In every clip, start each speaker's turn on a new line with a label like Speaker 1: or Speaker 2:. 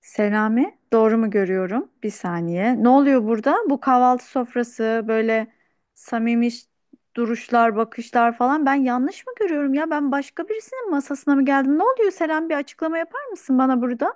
Speaker 1: Selami, doğru mu görüyorum? Bir saniye. Ne oluyor burada? Bu kahvaltı sofrası böyle samimi duruşlar, bakışlar falan. Ben yanlış mı görüyorum ya? Ben başka birisinin masasına mı geldim? Ne oluyor Selam? Bir açıklama yapar mısın bana burada?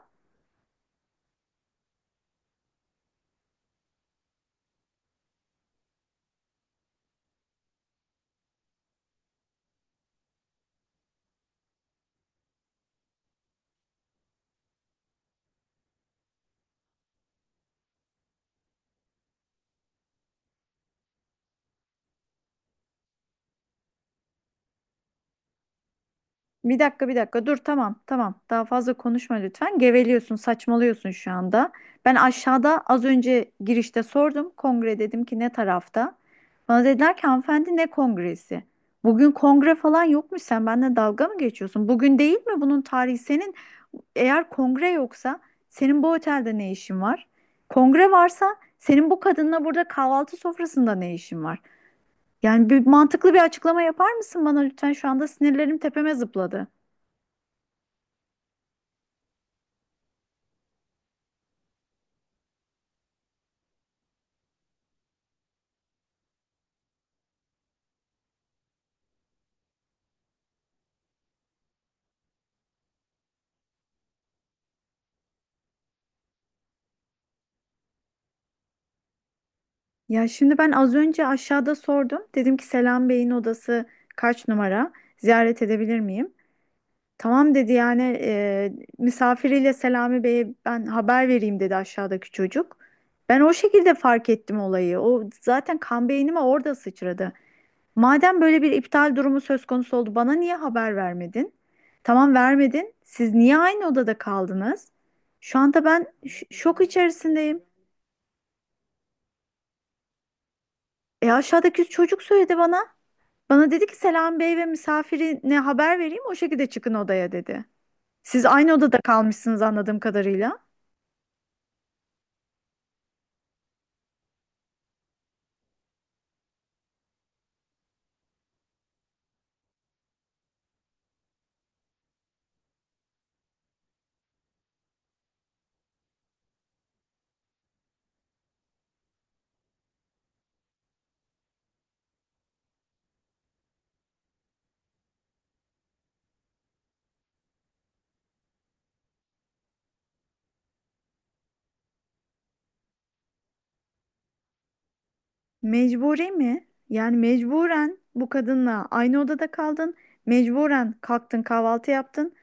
Speaker 1: Bir dakika bir dakika dur, tamam tamam, daha fazla konuşma lütfen, geveliyorsun, saçmalıyorsun şu anda. Ben aşağıda az önce girişte sordum, kongre, dedim ki ne tarafta? Bana dediler ki hanımefendi, ne kongresi? Bugün kongre falan yokmuş. Sen benimle dalga mı geçiyorsun? Bugün değil mi bunun tarihi senin? Eğer kongre yoksa senin bu otelde ne işin var? Kongre varsa senin bu kadınla burada kahvaltı sofrasında ne işin var? Yani bir mantıklı bir açıklama yapar mısın bana lütfen? Şu anda sinirlerim tepeme zıpladı. Ya şimdi ben az önce aşağıda sordum. Dedim ki Selam Bey'in odası kaç numara? Ziyaret edebilir miyim? Tamam dedi yani, misafiriyle Selami Bey'e ben haber vereyim dedi aşağıdaki çocuk. Ben o şekilde fark ettim olayı. O zaten kan beynime orada sıçradı. Madem böyle bir iptal durumu söz konusu oldu, bana niye haber vermedin? Tamam, vermedin. Siz niye aynı odada kaldınız? Şu anda ben şok içerisindeyim. E aşağıdaki çocuk söyledi bana. Bana dedi ki Selam Bey ve misafirine haber vereyim, o şekilde çıkın odaya dedi. Siz aynı odada kalmışsınız anladığım kadarıyla. Mecburi mi? Yani mecburen bu kadınla aynı odada kaldın. Mecburen kalktın, kahvaltı yaptın.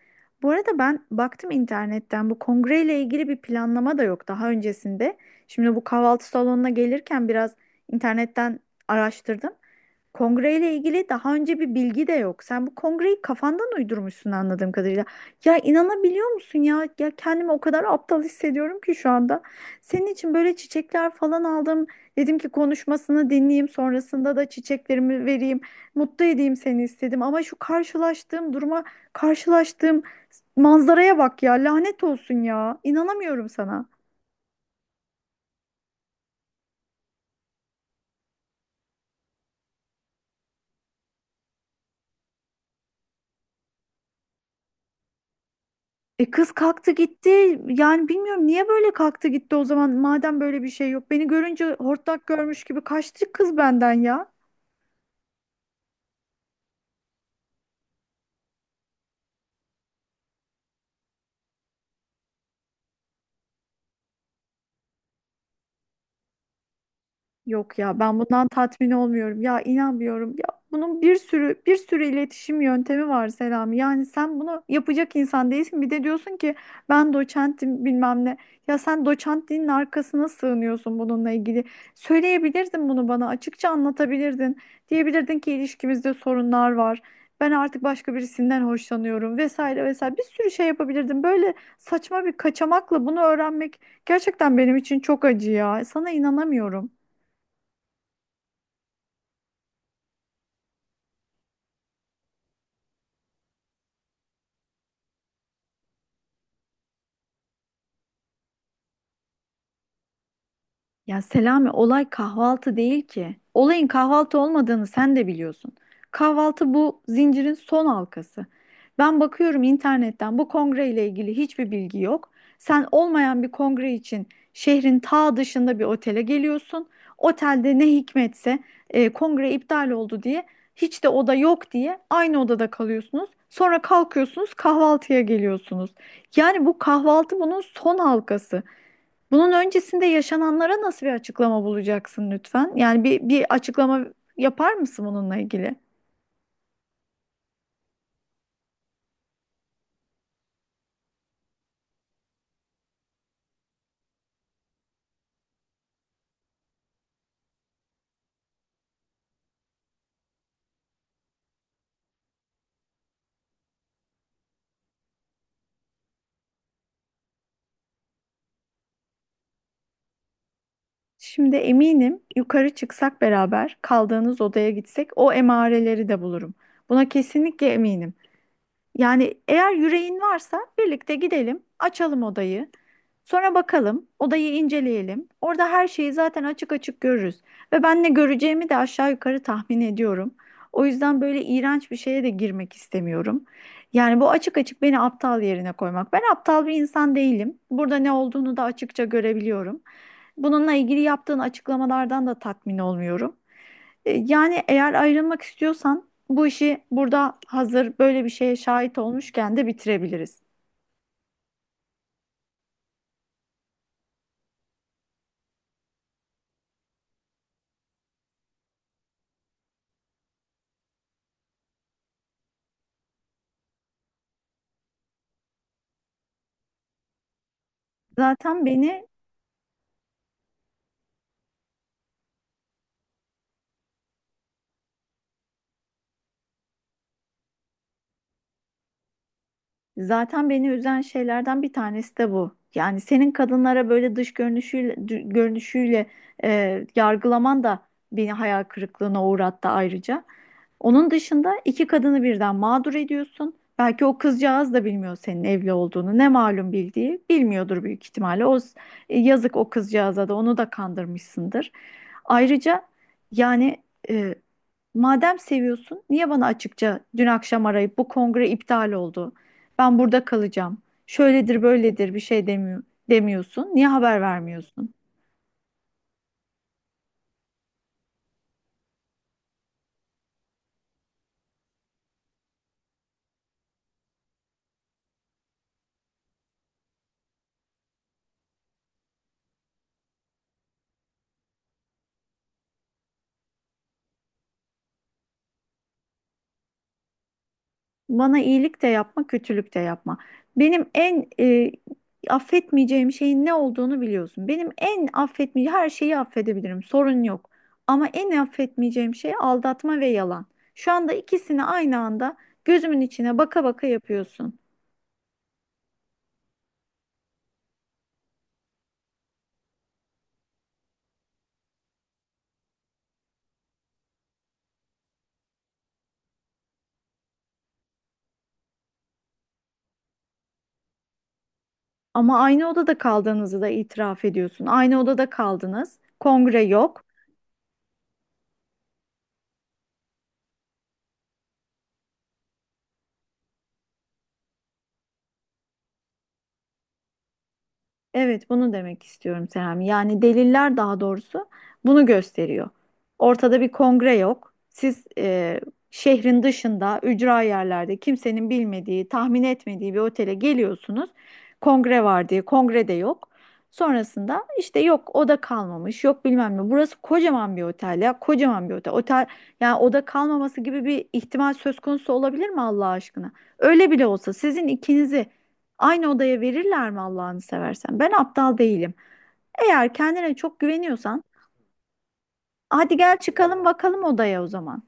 Speaker 1: Bu arada ben baktım internetten, bu kongreyle ilgili bir planlama da yok daha öncesinde. Şimdi bu kahvaltı salonuna gelirken biraz internetten araştırdım. Kongreyle ilgili daha önce bir bilgi de yok. Sen bu kongreyi kafandan uydurmuşsun anladığım kadarıyla. Ya inanabiliyor musun ya? Ya kendimi o kadar aptal hissediyorum ki şu anda. Senin için böyle çiçekler falan aldım. Dedim ki konuşmasını dinleyeyim, sonrasında da çiçeklerimi vereyim, mutlu edeyim seni istedim. Ama şu karşılaştığım duruma, karşılaştığım manzaraya bak ya. Lanet olsun ya. İnanamıyorum sana. E kız kalktı gitti. Yani bilmiyorum niye böyle kalktı gitti o zaman. Madem böyle bir şey yok. Beni görünce hortlak görmüş gibi kaçtı kız benden ya. Yok ya, ben bundan tatmin olmuyorum. Ya inanmıyorum. Ya bunun bir sürü bir sürü iletişim yöntemi var Selami. Yani sen bunu yapacak insan değilsin. Bir de diyorsun ki ben doçentim bilmem ne. Ya sen doçentliğinin arkasına sığınıyorsun bununla ilgili. Söyleyebilirdin bunu bana. Açıkça anlatabilirdin. Diyebilirdin ki ilişkimizde sorunlar var. Ben artık başka birisinden hoşlanıyorum, vesaire vesaire. Bir sürü şey yapabilirdin. Böyle saçma bir kaçamakla bunu öğrenmek gerçekten benim için çok acı ya. Sana inanamıyorum. Ya Selami, olay kahvaltı değil ki. Olayın kahvaltı olmadığını sen de biliyorsun. Kahvaltı bu zincirin son halkası. Ben bakıyorum internetten, bu kongre ile ilgili hiçbir bilgi yok. Sen olmayan bir kongre için şehrin ta dışında bir otele geliyorsun. Otelde ne hikmetse kongre iptal oldu diye, hiç de oda yok diye aynı odada kalıyorsunuz. Sonra kalkıyorsunuz kahvaltıya geliyorsunuz. Yani bu kahvaltı bunun son halkası. Bunun öncesinde yaşananlara nasıl bir açıklama bulacaksın lütfen? Yani bir açıklama yapar mısın bununla ilgili? Şimdi eminim, yukarı çıksak, beraber kaldığınız odaya gitsek o emareleri de bulurum. Buna kesinlikle eminim. Yani eğer yüreğin varsa birlikte gidelim, açalım odayı. Sonra bakalım, odayı inceleyelim. Orada her şeyi zaten açık açık görürüz. Ve ben ne göreceğimi de aşağı yukarı tahmin ediyorum. O yüzden böyle iğrenç bir şeye de girmek istemiyorum. Yani bu açık açık beni aptal yerine koymak. Ben aptal bir insan değilim. Burada ne olduğunu da açıkça görebiliyorum. Bununla ilgili yaptığın açıklamalardan da tatmin olmuyorum. Yani eğer ayrılmak istiyorsan bu işi, burada hazır böyle bir şeye şahit olmuşken de bitirebiliriz. Zaten beni Zaten beni üzen şeylerden bir tanesi de bu. Yani senin kadınlara böyle dış görünüşüyle, görünüşüyle yargılaman da beni hayal kırıklığına uğrattı ayrıca. Onun dışında iki kadını birden mağdur ediyorsun. Belki o kızcağız da bilmiyor senin evli olduğunu. Ne malum, bildiği bilmiyordur büyük ihtimalle. Yazık o kızcağıza da, onu da kandırmışsındır. Ayrıca yani, e, madem seviyorsun, niye bana açıkça dün akşam arayıp bu kongre iptal oldu, ben burada kalacağım, şöyledir böyledir bir şey demiyor, demiyorsun. Niye haber vermiyorsun? Bana iyilik de yapma, kötülük de yapma. Benim en affetmeyeceğim şeyin ne olduğunu biliyorsun. Benim en affetmeyeceğim, her şeyi affedebilirim. Sorun yok. Ama en affetmeyeceğim şey aldatma ve yalan. Şu anda ikisini aynı anda gözümün içine baka baka yapıyorsun. Ama aynı odada kaldığınızı da itiraf ediyorsun. Aynı odada kaldınız. Kongre yok. Evet, bunu demek istiyorum Serami. Yani deliller, daha doğrusu bunu gösteriyor. Ortada bir kongre yok. Siz şehrin dışında, ücra yerlerde, kimsenin bilmediği, tahmin etmediği bir otele geliyorsunuz. Kongre var diye, kongre de yok. Sonrasında işte yok oda kalmamış, yok bilmem ne. Burası kocaman bir otel ya, kocaman bir otel. Otel, yani oda kalmaması gibi bir ihtimal söz konusu olabilir mi Allah aşkına? Öyle bile olsa sizin ikinizi aynı odaya verirler mi Allah'ını seversen? Ben aptal değilim. Eğer kendine çok güveniyorsan, hadi gel çıkalım bakalım odaya o zaman.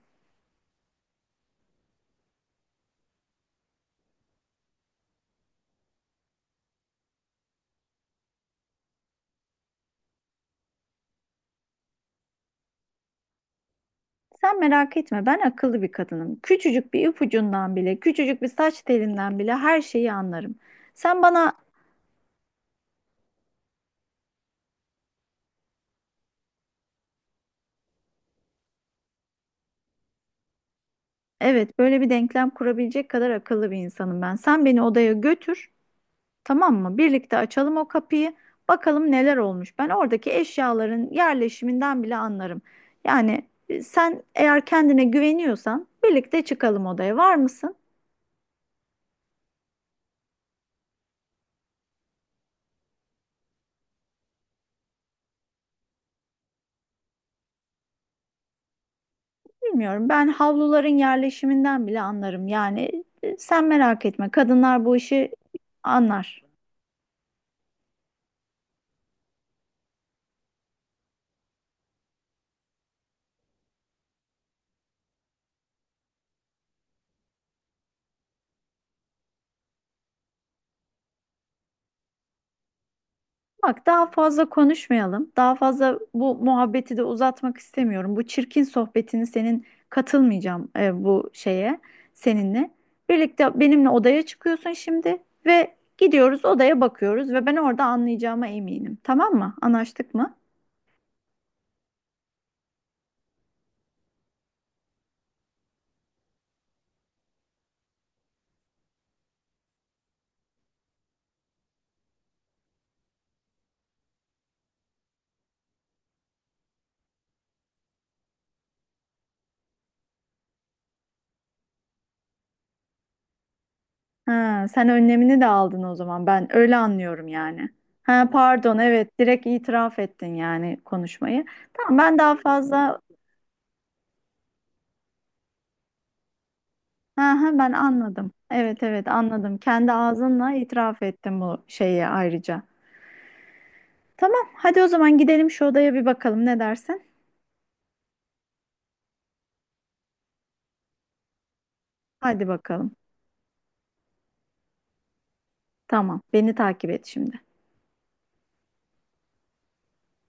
Speaker 1: Sen merak etme, ben akıllı bir kadınım. Küçücük bir ipucundan bile, küçücük bir saç telinden bile her şeyi anlarım. Sen bana Evet, böyle bir denklem kurabilecek kadar akıllı bir insanım ben. Sen beni odaya götür. Tamam mı? Birlikte açalım o kapıyı. Bakalım neler olmuş. Ben oradaki eşyaların yerleşiminden bile anlarım. Yani sen eğer kendine güveniyorsan birlikte çıkalım odaya. Var mısın? Bilmiyorum. Ben havluların yerleşiminden bile anlarım. Yani sen merak etme. Kadınlar bu işi anlar. Bak, daha fazla konuşmayalım. Daha fazla bu muhabbeti de uzatmak istemiyorum. Bu çirkin sohbetini senin katılmayacağım, bu şeye seninle. Birlikte benimle odaya çıkıyorsun şimdi ve gidiyoruz odaya, bakıyoruz ve ben orada anlayacağıma eminim. Tamam mı? Anlaştık mı? Ha, sen önlemini de aldın o zaman. Ben öyle anlıyorum yani. Ha, pardon, evet, direkt itiraf ettin yani konuşmayı. Tamam ben daha fazla Ha, ha, ben anladım. Evet evet, anladım. Kendi ağzınla itiraf ettin bu şeyi ayrıca. Tamam, hadi o zaman gidelim şu odaya bir bakalım, ne dersin? Hadi bakalım. Tamam, beni takip et şimdi.